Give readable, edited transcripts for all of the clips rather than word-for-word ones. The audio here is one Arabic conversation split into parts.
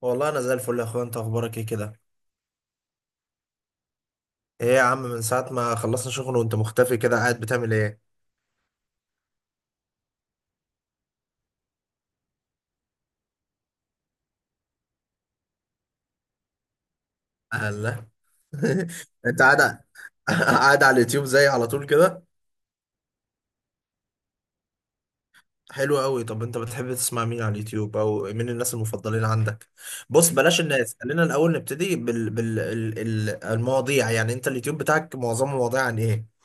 والله انا زي الفل يا اخويا، انت اخبارك ايه كده؟ ايه يا عم، من ساعه ما خلصنا شغل وانت مختفي كده، قاعد بتعمل ايه؟ الله. انت قاعد. قاعد على اليوتيوب زي على طول كده. حلو قوي. طب انت بتحب تسمع مين على اليوتيوب او مين الناس المفضلين عندك؟ بص بلاش الناس، خلينا الاول نبتدي المواضيع، يعني انت اليوتيوب بتاعك معظمه مواضيع عن ايه؟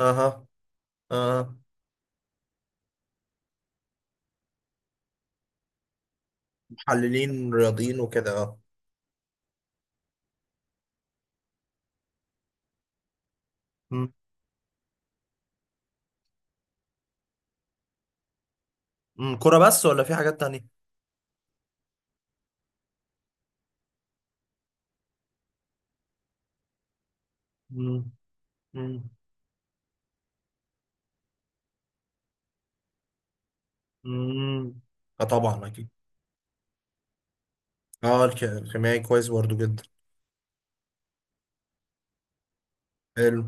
اها. اها. محللين رياضيين وكده، اه. امم. أمم، كرة بس ولا في حاجات تانية؟ امم. امم. اه طبعا اكيد. اه، الكيميائي كويس برضو جدا. حلو.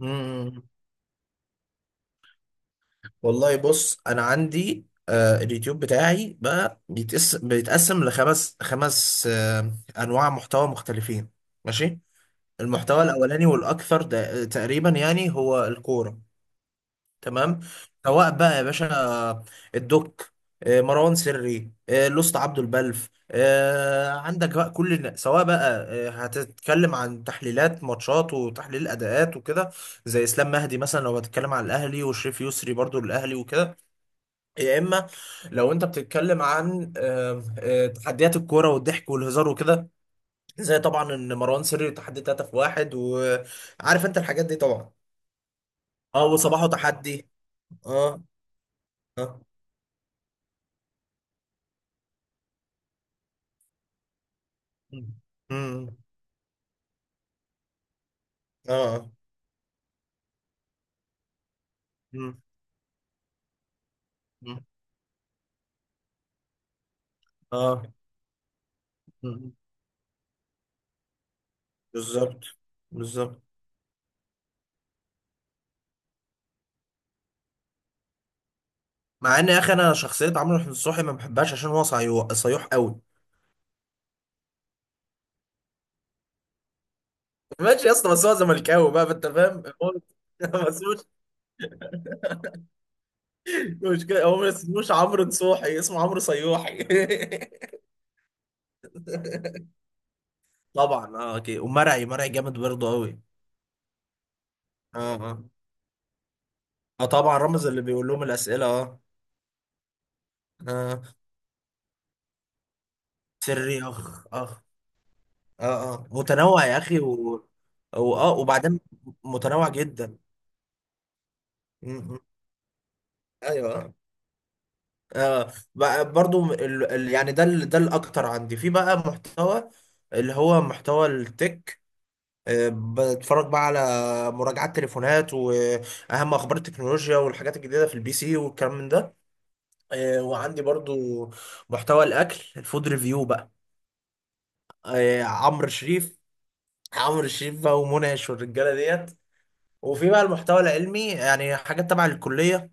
امم. والله بص، انا عندي اليوتيوب بتاعي بقى بيتقسم لخمس خمس آه انواع محتوى مختلفين. ماشي. المحتوى تمام، الاولاني والاكثر ده تقريبا يعني هو الكوره. تمام. سواء بقى يا باشا الدوك، مروان سري، لوست، عبده البلف، عندك بقى كل سواء بقى هتتكلم عن تحليلات ماتشات وتحليل اداءات وكده. زي اسلام مهدي مثلا، لو هتتكلم عن الاهلي، وشريف يسري برضو للاهلي وكده. يا اما لو انت بتتكلم عن تحديات الكوره والضحك والهزار وكده، زي طبعا ان مروان سري تحدي 3 في واحد. وعارف انت الحاجات دي طبعا. اه وصباحه تحدي. اه. اه. مم. مم. اه. مم. مم. اه. مم. بالظبط. بالظبط. مع ان يا اخي انا شخصيه عمرو نصوحي ما بحبهاش عشان هو صيوح قوي. ماشي يا اسطى، بس هو زملكاوي بقى، فانت فاهم هو. ما اسموش. مش كده، هو ما اسموش عمرو نصوحي، اسمه عمرو صيوحي. طبعا اه. اوكي، ومرعي، مرعي جامد برضه قوي. اه اه. اه طبعا رمز اللي بيقول لهم الاسئله، اه. اه. سري اخ. اخ. اه اه، متنوع يا اخي و... واه وبعدين. متنوع جدا. م. م. ايوه. بقى برضو، يعني ده، ده الاكتر عندي في بقى محتوى، اللي هو محتوى التك. بتفرج بقى على مراجعات تليفونات واهم اخبار التكنولوجيا والحاجات الجديده في البي سي والكلام من ده. وعندي برضو محتوى الاكل، الفود ريفيو بقى. عمرو شريف. عمرو شريف بقى، ومنعش والرجاله ديت. وفي بقى المحتوى العلمي، يعني حاجات تبع الكلية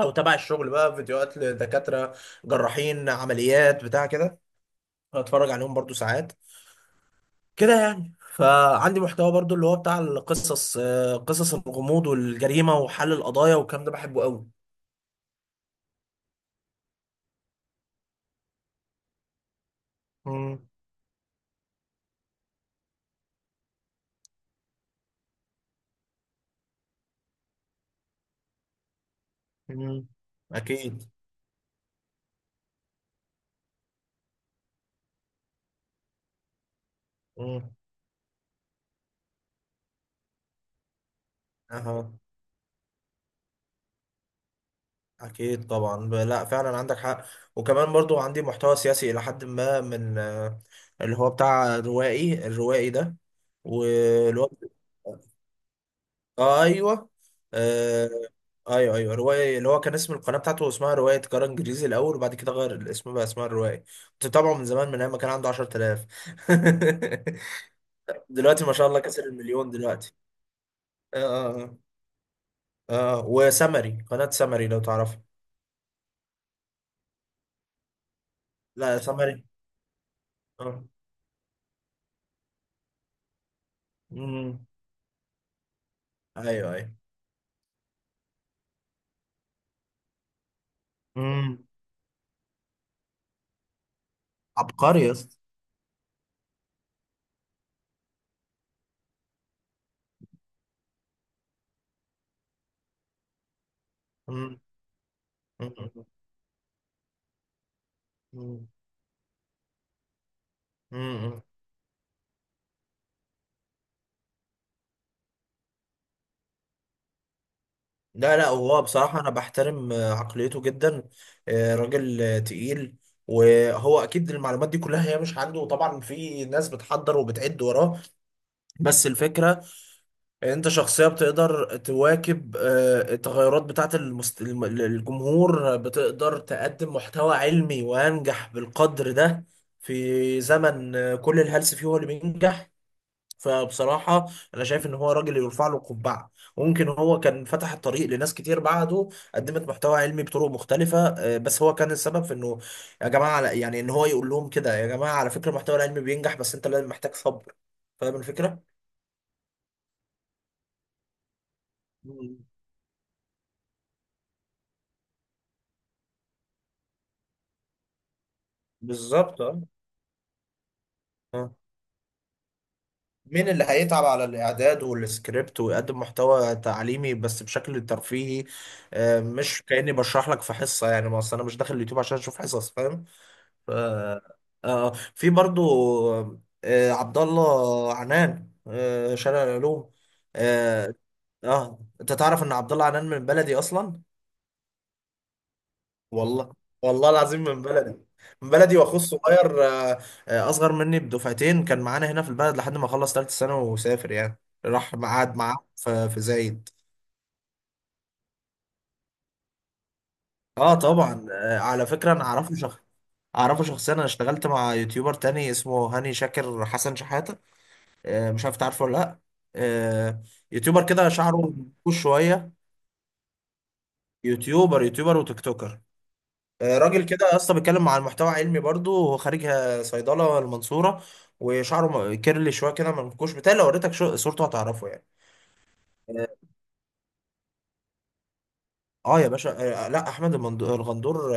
أو تبع الشغل، بقى فيديوهات لدكاترة جراحين، عمليات بتاع كده، بتفرج عليهم برضو ساعات كده يعني. فعندي محتوى برضو اللي هو بتاع القصص، قصص الغموض والجريمة وحل القضايا والكلام ده، بحبه قوي. مم. مم. أكيد. مم. أها. أكيد طبعا، لا فعلا عندك حق. وكمان برضو عندي محتوى سياسي إلى حد ما من اللي هو بتاع روائي، الروائي ده، واللي هو ايوه. آه ايوه، ايوه، روايه. اللي هو كان اسم القناه بتاعته اسمها روايه قرار انجليزي الاول، وبعد كده غير الاسم بقى اسمها الروايه. كنت بتابعه من زمان، من ايام ما كان عنده 10,000. دلوقتي ما شاء الله كسر المليون دلوقتي. اه اه اه. وسمري، قناه سمري لو تعرفها. لا سمري. اه. امم. ايوه ايوه. امم. عبقري يا اسطى. امم. امم. أمم. أمم. لا لا، هو بصراحة أنا بحترم عقليته جدا. راجل تقيل. وهو أكيد المعلومات دي كلها هي مش عنده، وطبعا في ناس بتحضر وبتعد وراه. بس الفكرة إن أنت شخصية بتقدر تواكب التغيرات بتاعة الجمهور، بتقدر تقدم محتوى علمي وأنجح بالقدر ده في زمن كل الهلس فيه هو اللي بينجح. فبصراحة أنا شايف إن هو راجل يرفع له القبعة، وممكن هو كان فتح الطريق لناس كتير بعده قدمت محتوى علمي بطرق مختلفة. بس هو كان السبب في إنه، يعني إن هو يقول لهم كده: يا جماعة على فكرة المحتوى العلمي بينجح، بس أنت لازم محتاج صبر. فاهم الفكرة؟ مم. بالظبط أه. آه. مين اللي هيتعب على الإعداد والسكريبت ويقدم محتوى تعليمي بس بشكل ترفيهي، مش كأني بشرح لك في حصة يعني. ما أصل أنا مش داخل اليوتيوب عشان أشوف حصص، فاهم؟ ف... آه آه. في برضو عبد الله عنان، شارع العلوم، آه. اه، انت تعرف ان عبد الله عنان من بلدي اصلا؟ والله. والله العظيم، من بلدي. من بلدي، واخوه الصغير اصغر مني بدفعتين، كان معانا هنا في البلد لحد ما خلص ثالثه ثانوي وسافر يعني، راح قعد معاه في زايد. اه طبعا. على فكره انا اعرفه شخص، اعرفه شخصيا. انا اشتغلت مع يوتيوبر تاني اسمه هاني شاكر حسن شحاته، مش عارف تعرفه ولا لا. آه، يوتيوبر كده شعره منكوش شويه. يوتيوبر، يوتيوبر وتيك توكر. راجل كده يا اسطى، بيتكلم عن محتوى علمي برضه، هو خارج صيدله المنصوره. وشعره كيرلي شويه كده، منكوش بتاعي، لو وريتك صورته هتعرفه يعني. اه. آه يا باشا. لا احمد الغندور،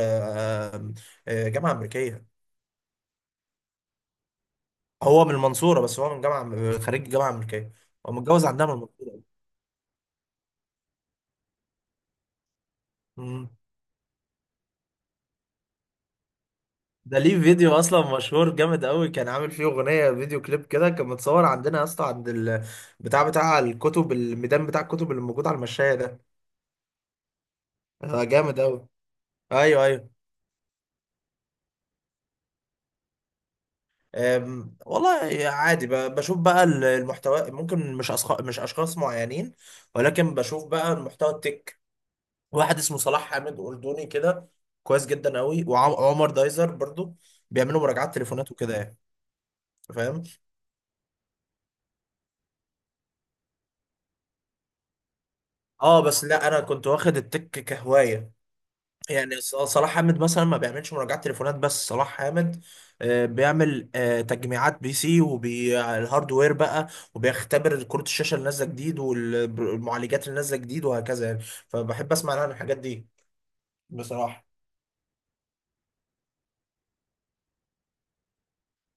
آه، جامعه امريكيه. هو من المنصوره، بس هو من جامعه، خريج جامعه امريكيه. هو متجوز عندها من المنصوره. ده ليه فيديو اصلا مشهور جامد قوي، كان عامل فيه اغنيه فيديو كليب كده، كان متصور عندنا يا اسطى عند بتاع، بتاع الكتب، الميدان بتاع الكتب اللي موجود على المشايه ده. جامد قوي. ايوه ايوه. أم، والله عادي، بشوف بقى المحتوى، ممكن مش أشخاص، مش اشخاص معينين، ولكن بشوف بقى المحتوى التك. واحد اسمه صلاح حامد، اردني كده، كويس جدا قوي. وعمر دايزر برضو، بيعملوا مراجعات تليفونات وكده يعني، فاهم. اه بس لا، انا كنت واخد التك كهوايه، يعني صلاح حامد مثلا ما بيعملش مراجعات تليفونات، بس صلاح حامد بيعمل تجميعات بي سي وبالهاردوير بقى، وبيختبر كروت الشاشه اللي نازله جديد والمعالجات اللي نازله جديد وهكذا يعني. فبحب اسمع عن الحاجات دي بصراحه.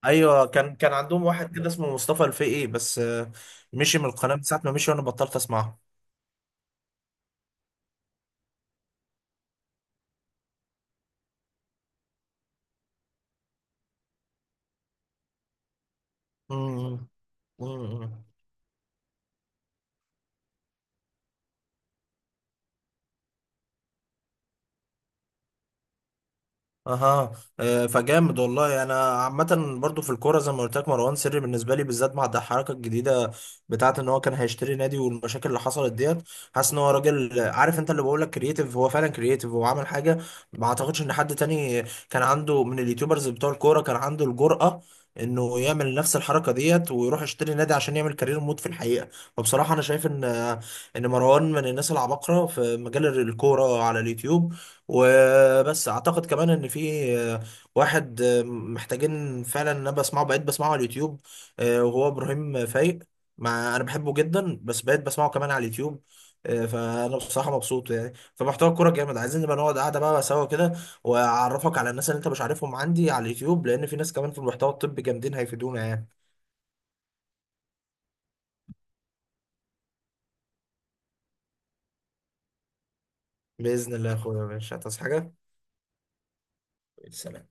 ايوه، كان عندهم واحد كده اسمه مصطفى الفقي، بس مشي من القناه. من ساعه ما مشي وانا بطلت اسمعه. امم. أمم. اها. فجامد والله. انا عامه برضو في الكوره زي ما قلت لك، مروان سري بالنسبه لي بالذات مع الحركه الجديده بتاعه، ان هو كان هيشتري نادي والمشاكل اللي حصلت ديت. حاسس ان هو راجل عارف، انت اللي بقول لك كرييتيف، هو فعلا كرييتيف. هو عمل حاجه ما اعتقدش ان حد تاني كان عنده من اليوتيوبرز بتوع الكوره كان عنده الجرأه انه يعمل نفس الحركه ديت ويروح يشتري نادي عشان يعمل كارير مود في الحقيقه. فبصراحه انا شايف ان مروان من الناس العباقره في مجال الكوره على اليوتيوب. وبس اعتقد كمان ان في واحد محتاجين فعلا، ان انا بسمعه، بقيت بسمعه على اليوتيوب، وهو ابراهيم فايق. مع انا بحبه جدا، بس بقيت بسمعه كمان على اليوتيوب، فانا بصراحه مبسوط يعني. فمحتوى الكوره جامد، عايزين نبقى نقعد قاعده بقى سوا كده، واعرفك على الناس اللي انت مش عارفهم عندي على اليوتيوب، لان في ناس كمان في المحتوى الطبي جامدين هيفيدونا يعني. باذن الله يا اخويا، ماشي. هتصحى حاجه؟ سلام.